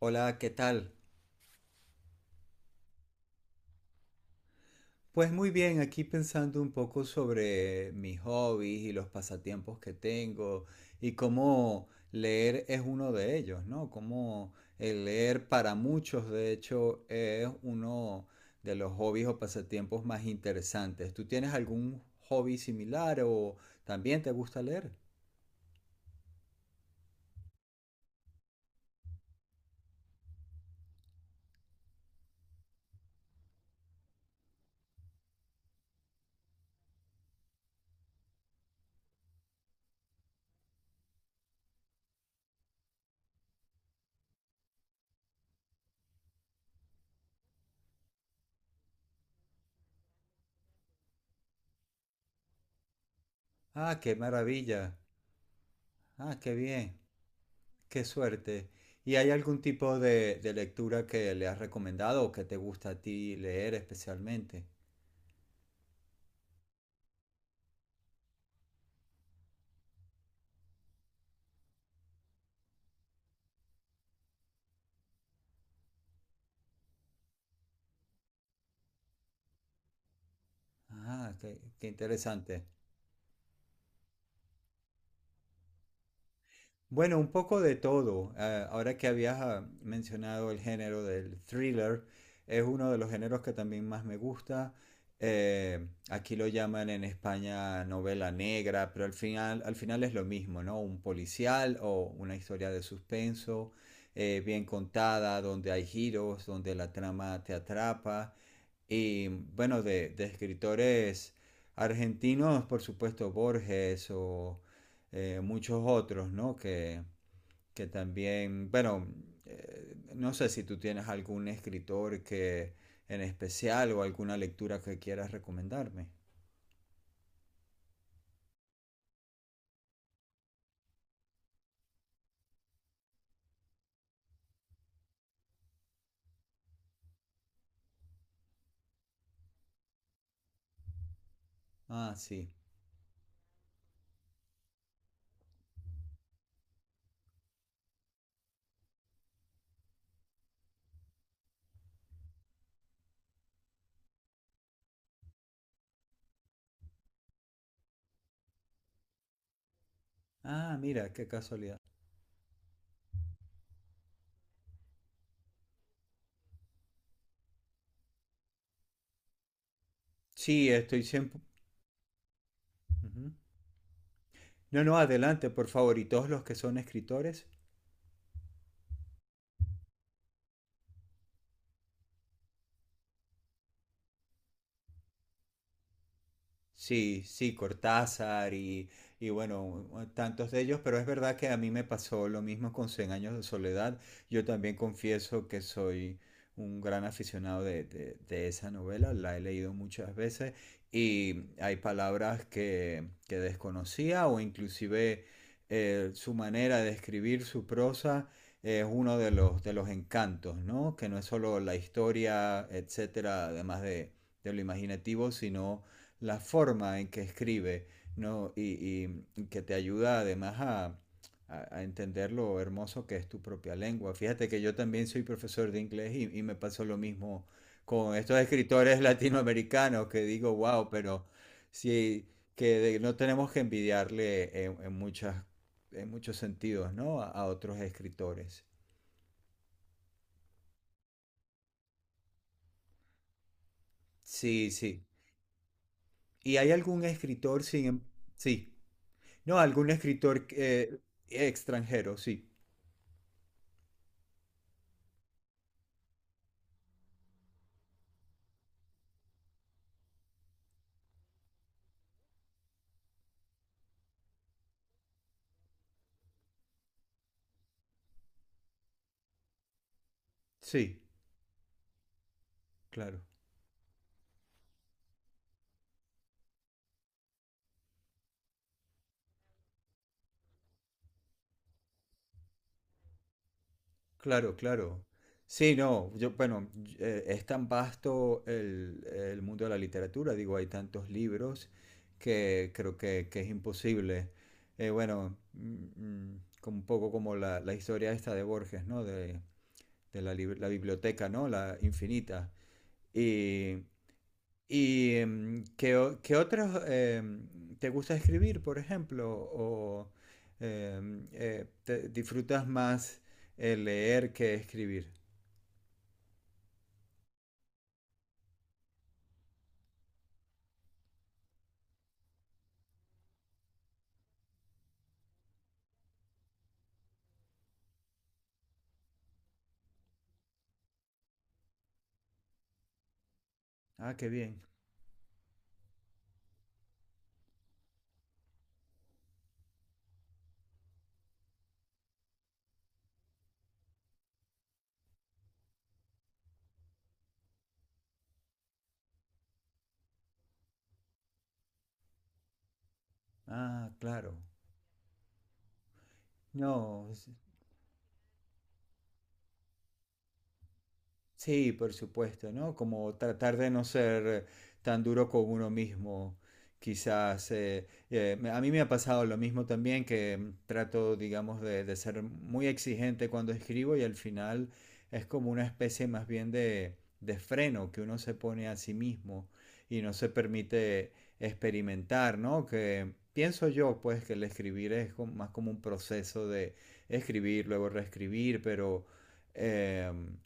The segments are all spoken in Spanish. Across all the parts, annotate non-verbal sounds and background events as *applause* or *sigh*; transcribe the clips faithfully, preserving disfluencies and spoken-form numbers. Hola, ¿qué tal? Pues muy bien, aquí pensando un poco sobre mis hobbies y los pasatiempos que tengo y cómo leer es uno de ellos, ¿no? Cómo el leer para muchos, de hecho, es uno de los hobbies o pasatiempos más interesantes. ¿Tú tienes algún hobby similar o también te gusta leer? Ah, qué maravilla. Ah, qué bien. Qué suerte. ¿Y hay algún tipo de, de lectura que le has recomendado o que te gusta a ti leer especialmente? Ah, qué, qué interesante. Bueno, un poco de todo. Ah, ahora que habías ah, mencionado el género del thriller, es uno de los géneros que también más me gusta. Eh, Aquí lo llaman en España novela negra, pero al final, al final es lo mismo, ¿no? Un policial o una historia de suspenso, eh, bien contada, donde hay giros, donde la trama te atrapa y bueno, de, de escritores argentinos, por supuesto, Borges o eh, muchos otros, ¿no? Que, que también, bueno, eh, no sé si tú tienes algún escritor que en especial o alguna lectura que quieras recomendarme. Ah, sí. Ah, mira, qué casualidad. Sí, estoy siempre... Ujú. No, no, adelante, por favor. ¿Y todos los que son escritores? Sí, sí, Cortázar y, y bueno, tantos de ellos, pero es verdad que a mí me pasó lo mismo con Cien años de soledad. Yo también confieso que soy un gran aficionado de, de- de esa novela, la he leído muchas veces y hay palabras que, que desconocía o inclusive eh, su manera de escribir su prosa es uno de los, de los encantos, ¿no? Que no es solo la historia, etcétera, además de de lo imaginativo, sino la forma en que escribe, ¿no? Y, y que te ayuda además a, a, a entender lo hermoso que es tu propia lengua. Fíjate que yo también soy profesor de inglés y, y me pasó lo mismo con estos escritores *laughs* latinoamericanos que digo, wow, pero sí, que de- no tenemos que envidiarle en, en muchas, en muchos sentidos, ¿no? A, a otros escritores. Sí, sí. ¿Y hay algún escritor sin... em- Sí. No, algún escritor eh, extranjero, sí. Sí, claro, claro, claro. Sí, no, yo, bueno, y- eh, es tan vasto el, el mundo de la literatura, digo, hay tantos libros que creo que, que es imposible. Eh, bueno, mm, mm, como un poco como la, la historia esta de Borges, ¿no? De, de la, lib- la biblioteca, ¿no? La infinita. ¿Y em, qué, o- qué otros em, te gusta escribir, por ejemplo? ¿O em, eh, te- disfrutas más eh, leer que escribir? Ah, qué bien. Ah, claro. No. Sí, por supuesto, ¿no? Como tratar de no ser tan duro con uno mismo, quizás. Eh, eh, me- a mí me ha pasado lo mismo también, que mm, trato, digamos, de, de ser muy exigente cuando escribo y al final es como una especie más bien de, de freno que uno se pone a sí mismo y no se permite experimentar, ¿no? Que pienso yo, pues, que el escribir es como- más como un proceso de escribir, luego reescribir, pero... em,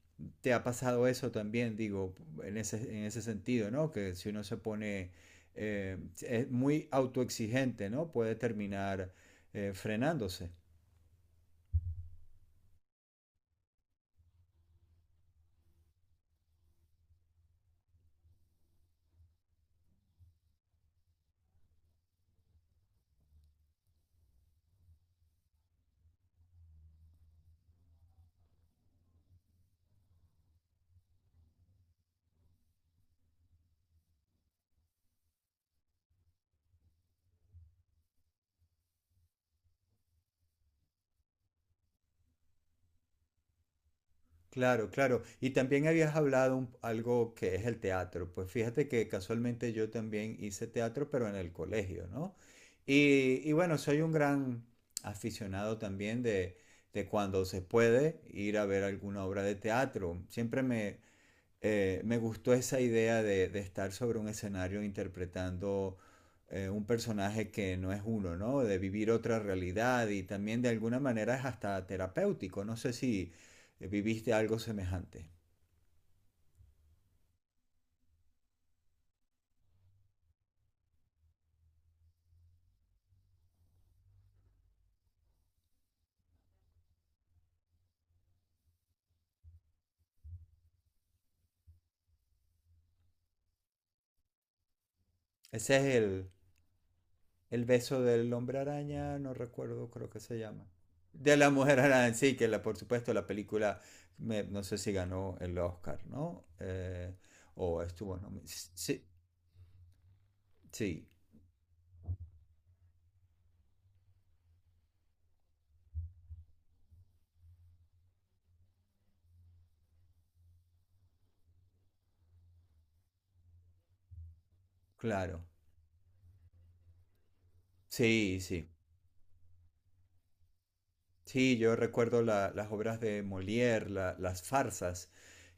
te ha pasado eso también, digo, en ese, en ese sentido, ¿no? Que si uno se pone eh, es muy autoexigente, ¿no? Puede terminar eh, frenándose. Claro, claro. Y también habías hablado un- algo que es el teatro. Pues fíjate que casualmente yo también hice teatro, pero en el colegio, ¿no? Y, y bueno, soy un gran aficionado también de, de cuando se puede ir a ver alguna obra de teatro. Siempre me, eh, me gustó esa idea de, de estar sobre un escenario interpretando eh, un personaje que no es uno, ¿no? De vivir otra realidad y también de alguna manera es hasta terapéutico. No sé si eh, viviste algo semejante. Ese es el, el beso del hombre araña, no recuerdo, creo que se llama. De la mujer araña, sí, que la, por supuesto la película, me, no sé si ganó el Oscar, ¿no? Eh, o estuvo, no, sí, sí, claro. Sí, sí. Sí, yo recuerdo la- las obras de Molière, la- las farsas,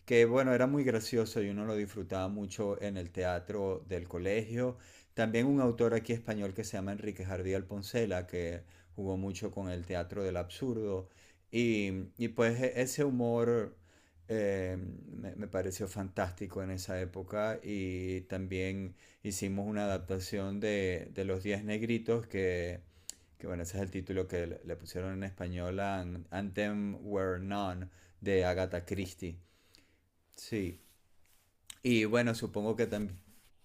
que bueno, era muy gracioso y uno lo disfrutaba mucho en el teatro del colegio. También un autor aquí español que se llama Enrique Jardí Alponcela, que jugó mucho con el teatro del absurdo. Y, y, pues e- ese humor eh, me, me pareció fantástico en esa época. Y también hicimos una adaptación de, de Los Diez Negritos que que bueno, ese es el título que le, le pusieron en español a An- Anthem Were None de Agatha Christie. Sí. Y bueno, supongo que también...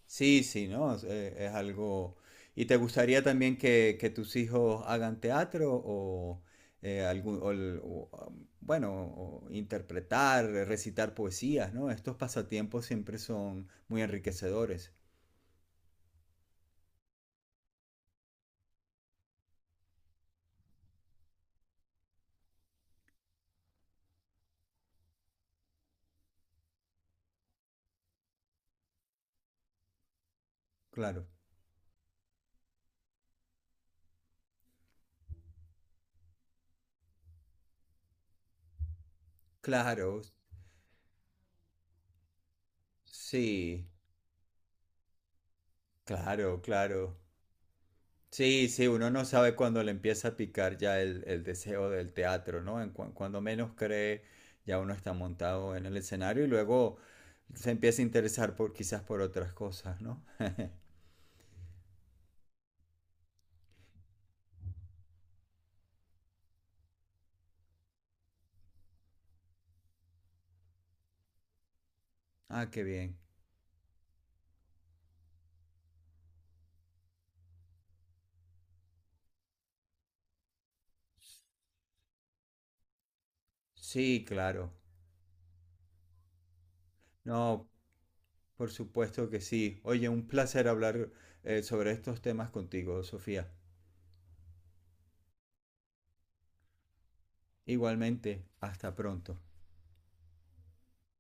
Sí, sí, ¿no? Es, eh, es algo... ¿Y te gustaría también que, que tus hijos hagan teatro o eh, algún, o el- o, um, bueno, o interpretar, recitar poesías, ¿no? Estos pasatiempos siempre son muy enriquecedores. Claro, claro, sí, claro, claro. Sí, sí, uno no sabe cuándo le empieza a picar ya el, el deseo del teatro, ¿no? En cu- cuando menos cree, ya uno está montado en el escenario y luego se empieza a interesar por quizás por otras cosas, ¿no? *laughs* Ah, qué bien. Sí, claro. No, por supuesto que sí. Oye, un placer hablar eh, sobre estos temas contigo, Sofía. Igualmente, hasta pronto.